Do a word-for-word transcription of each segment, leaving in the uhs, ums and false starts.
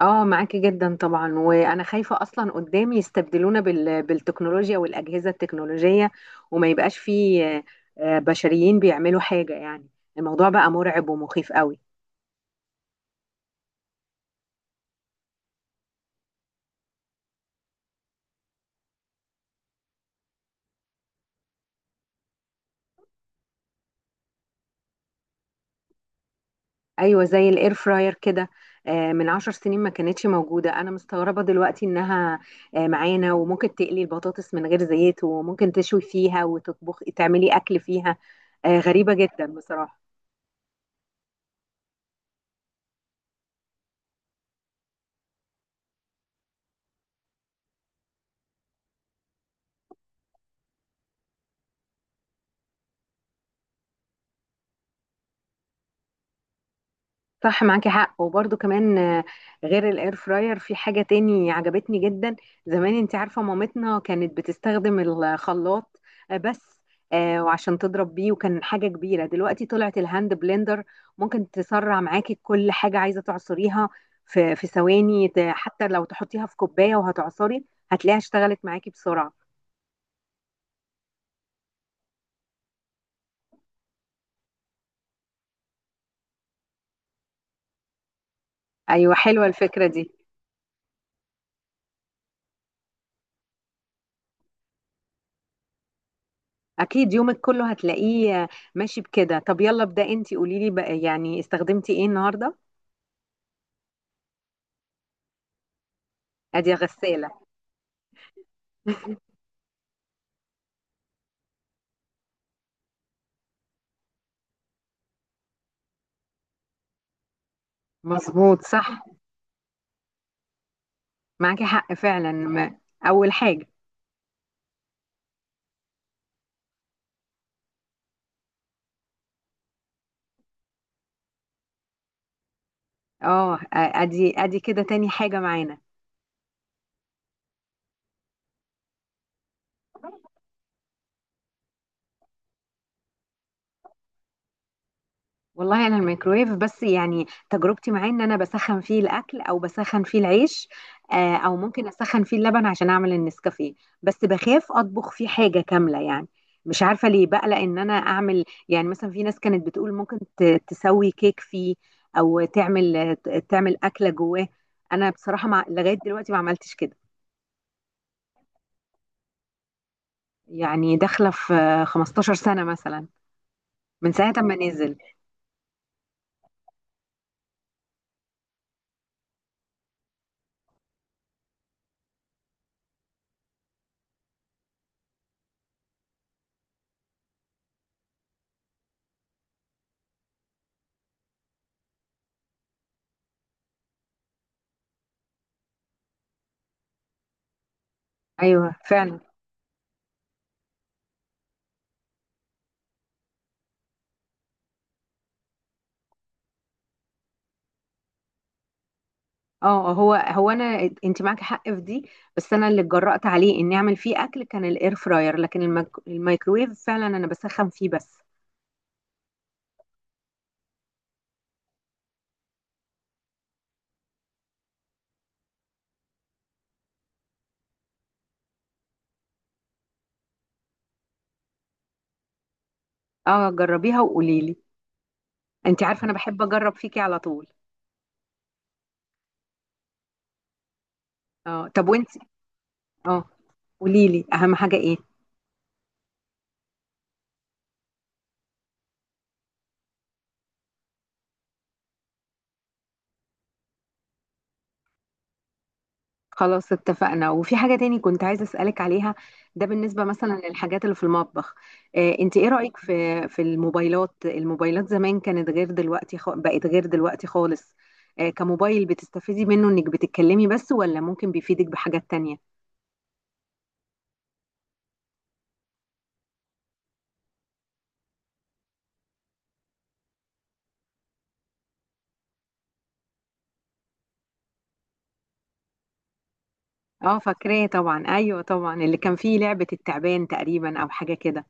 اه معاكي جدا طبعا، وانا خايفه اصلا قدام يستبدلونا بال... بالتكنولوجيا والاجهزه التكنولوجيه، وما يبقاش فيه آه، آه، بشريين بيعملوا حاجه يعني. الموضوع بقى مرعب ومخيف قوي. ايوه، زي الاير فراير كده. آه، من عشر سنين ما كانتش موجوده. انا مستغربه دلوقتي انها آه، معانا، وممكن تقلي البطاطس من غير زيت وممكن تشوي فيها وتطبخ تعملي اكل فيها. آه، غريبه جدا بصراحه. صح، معاكي حق، وبرده كمان آه، غير الاير فراير في حاجة تاني عجبتني جدا. زمان انت عارفة مامتنا كانت بتستخدم الخلاط آه، بس آه، وعشان تضرب بيه، وكان حاجة كبيرة. دلوقتي طلعت الهاند بلندر، ممكن تسرع معاكي كل حاجة عايزة تعصريها في في ثواني، ت- حتى لو تحطيها في كوباية وهتعصري هتلاقيها اشتغلت معاكي بسرعة. ايوه، حلوة الفكرة دي. اكيد يومك كله هتلاقيه آه، ماشي بكده. طب يلا ابدأ انت، قوليلي بقى يعني استخدمتي ايه النهاردة. ادي غسالة. مظبوط، صح، معاكي حق فعلا، ما اول حاجة. اه، ادي ادي كده تاني حاجة معانا. والله انا الميكرويف بس، يعني تجربتي معاه ان انا بسخن فيه الاكل او بسخن فيه العيش، آه، او ممكن اسخن فيه اللبن عشان اعمل النسكافيه. بس بخاف اطبخ فيه حاجة كاملة يعني. مش عارفة ليه بقلق ان انا اعمل، يعني مثلا في ناس كانت بتقول ممكن ت- تسوي كيك فيه، او تعمل تعمل اكلة جواه. انا بصراحة مع لغاية دلوقتي ما عملتش كده. يعني داخله في 15 سنه مثلا، من ساعه ما نزل. ايوه، فعلا. اه، هو هو انا، انت معاك حق في دي، بس انا اللي اتجرأت عليه اني اعمل فيه اكل كان الاير فراير، لكن الميك... الميكرويف فعلا انا بسخن فيه بس. اه، جربيها وقولي لي، انت عارفه انا بحب اجرب فيكي على طول. اه، طب وانت. اه، قولي لي اهم حاجه ايه. خلاص، اتفقنا. وفي حاجة تاني كنت عايزة أسألك عليها، ده بالنسبة مثلا للحاجات اللي في المطبخ. آه، انت ايه رأيك في في الموبايلات؟ الموبايلات زمان كانت غير دلوقتي، خ... بقت غير دلوقتي خالص. آه، كموبايل بتستفيدي منه انك بتتكلمي بس، ولا ممكن بيفيدك بحاجات تانية؟ اه، فاكراه طبعا، ايوه طبعا، اللي كان فيه لعبة التعبان تقريبا او حاجة كده.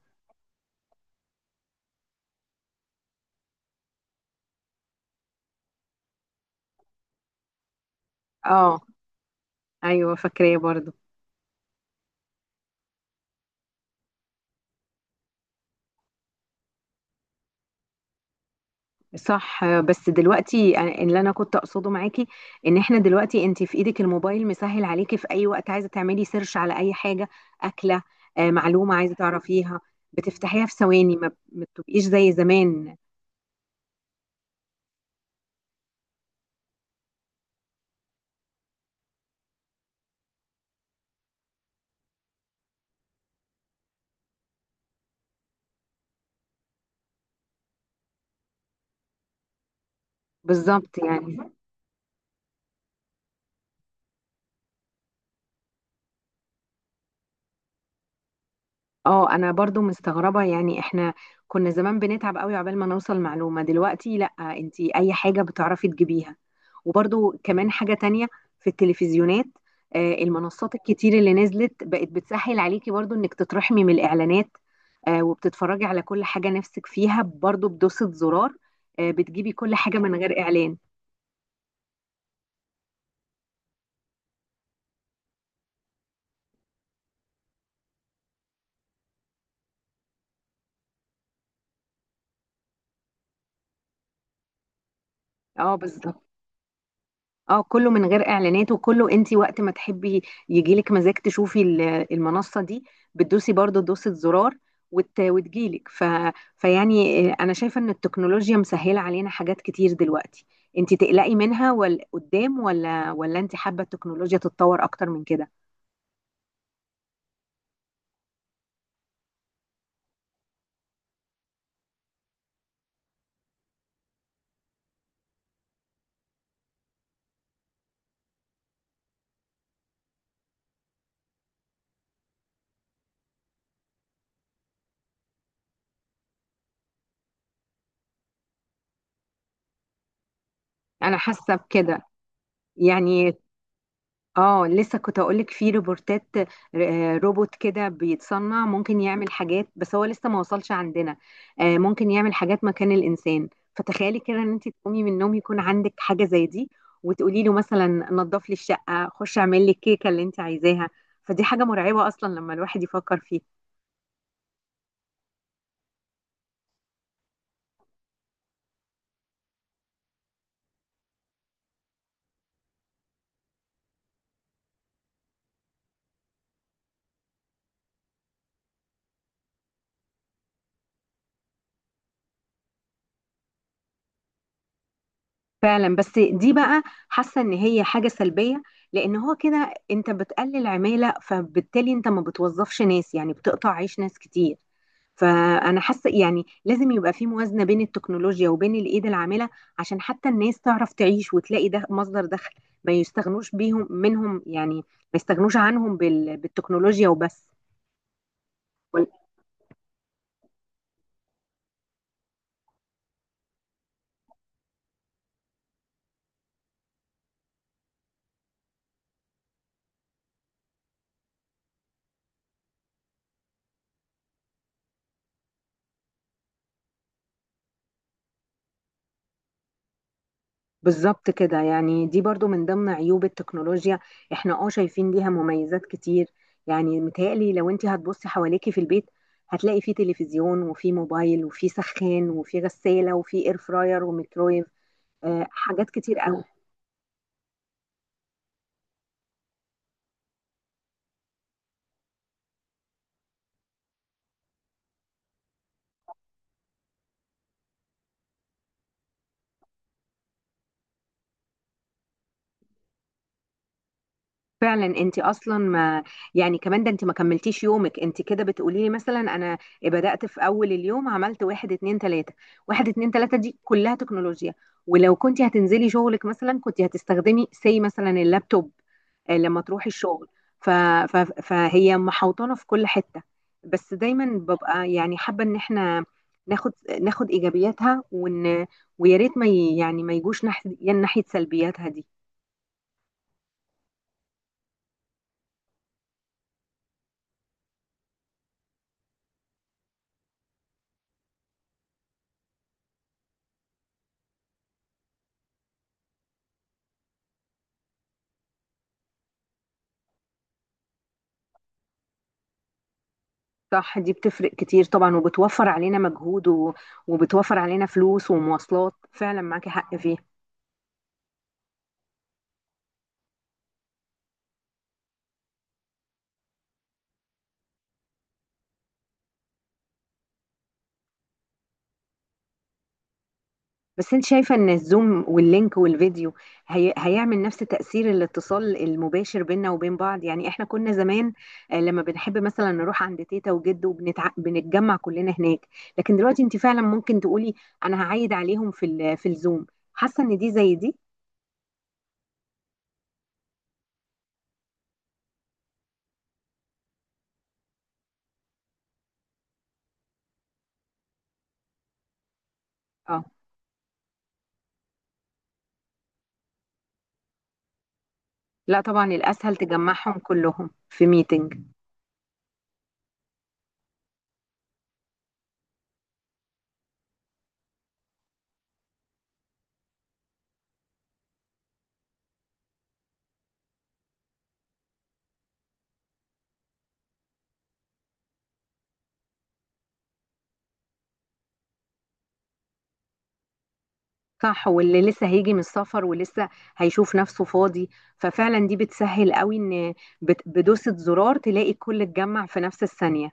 اه، ايوه، فاكراه برضه. صح، بس دلوقتي أنا- اللي انا كنت اقصده معاكي ان احنا دلوقتي انت في ايدك الموبايل، مسهل عليكي في اي وقت عايزه تعملي سيرش على اي حاجه، اكله، آه، معلومه عايزه تعرفيها، بتفتحيها في ثواني، ما ما بتبقيش زي زمان. بالظبط يعني. اه، انا برضو مستغربة. يعني احنا كنا زمان بنتعب قوي عقبال ما نوصل معلومة، دلوقتي لا، انتي اي حاجة بتعرفي تجيبيها. وبرضو كمان حاجة تانية في التلفزيونات، آه، المنصات الكتير اللي نزلت بقت بتسهل عليكي برضو انك تترحمي من الاعلانات. آه، وبتتفرجي على كل حاجة نفسك فيها برضو بدوسة زرار. آه، بتجيبي كل حاجة من غير اعلان. اه، بالظبط. اه، كله من غير اعلانات، وكله انت وقت ما تحبي يجيلك مزاج تشوفي ال- المنصه دي، بتدوسي برضو دوسه زرار وت... وتجيلك ف... فيعني آه، انا شايفه ان التكنولوجيا مسهله علينا حاجات كتير دلوقتي. انت تقلقي منها، ولا قدام، ولا ولا انت حابه التكنولوجيا تتطور اكتر من كده؟ انا حاسه بكده، يعني. اه، لسه كنت اقولك في روبوتات، آه، روبوت كده بيتصنع ممكن يعمل حاجات، بس هو لسه ما وصلش عندنا. آه، ممكن يعمل حاجات مكان الانسان. فتخيلي كده ان انت تقومي من النوم، يكون عندك حاجة زي دي، وتقولي له مثلا نظف لي الشقة، خش اعمل لي الكيكة اللي انت عايزاها. فدي حاجة مرعبة اصلا لما الواحد يفكر فيها. فعلا، بس دي بقى حاسه ان هي حاجه سلبيه، لان هو كده انت بتقلل عماله، فبالتالي انت ما بتوظفش ناس، يعني بتقطع عيش ناس كتير. فانا حاسه يعني لازم يبقى في موازنه بين التكنولوجيا وبين الايد العامله، عشان حتى الناس تعرف تعيش وتلاقي ده مصدر دخل، ما يستغنوش بيهم منهم، يعني ما يستغنوش عنهم بال- بالتكنولوجيا وبس. بالظبط كده، يعني دي برضو من ضمن عيوب التكنولوجيا. احنا اه شايفين ليها مميزات كتير. يعني متهيألي لو انت هتبصي حواليكي في البيت، هتلاقي فيه تلفزيون، وفيه موبايل، وفيه سخان، وفيه غسالة، وفيه اير فراير، وميكرويف. آه حاجات كتير قوي. فعلا انت اصلا ما، يعني كمان، ده انت ما كملتيش يومك. انت كده بتقولي لي: مثلا انا بدأت في اول اليوم، عملت واحد اتنين تلاتة. واحد اتنين تلاتة دي كلها تكنولوجيا. ولو كنت هتنزلي شغلك مثلا كنت هتستخدمي سي مثلا اللابتوب آه، لما تروحي الشغل. ف... ف... فهي محوطانة في كل حتة. بس دايما ببقى يعني حابة ان احنا ناخد ناخد ايجابياتها، وان ويا ريت ما ي... يعني ما يجوش ناحية ناحية سلبياتها دي. صح، دي بتفرق كتير طبعا، وبتوفر علينا مجهود و... وبتوفر علينا فلوس ومواصلات، فعلا معاكي حق فيه. بس انت شايفة ان الزوم واللينك والفيديو هي... هيعمل نفس تأثير الاتصال المباشر بيننا وبين بعض؟ يعني احنا كنا زمان آه، لما بنحب مثلا نروح عند تيتا وجد، وبنتع... بنتجمع كلنا هناك. لكن دلوقتي انت فعلا ممكن تقولي انا هعيد عليهم في ال... في الزوم. حاسة ان دي زي دي؟ اه، لا طبعا، الاسهل تجمعهم كلهم في ميتنج. صح، واللي لسه هيجي من السفر ولسه هيشوف نفسه فاضي. ففعلا دي بتسهل قوي ان بت- بدوسة زرار تلاقي الكل اتجمع في نفس الثانية.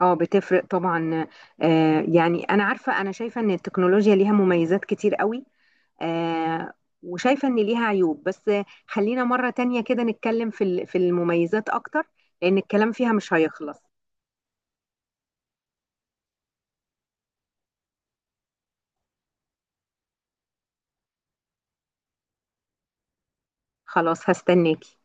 اه، بتفرق طبعا. آه يعني انا عارفة، انا شايفة ان التكنولوجيا ليها مميزات كتير قوي، آه وشايفة ان ليها عيوب. بس خلينا مرة تانية كده نتكلم في ال- في المميزات اكتر، لان الكلام فيها مش هيخلص. خلاص، هستناكي.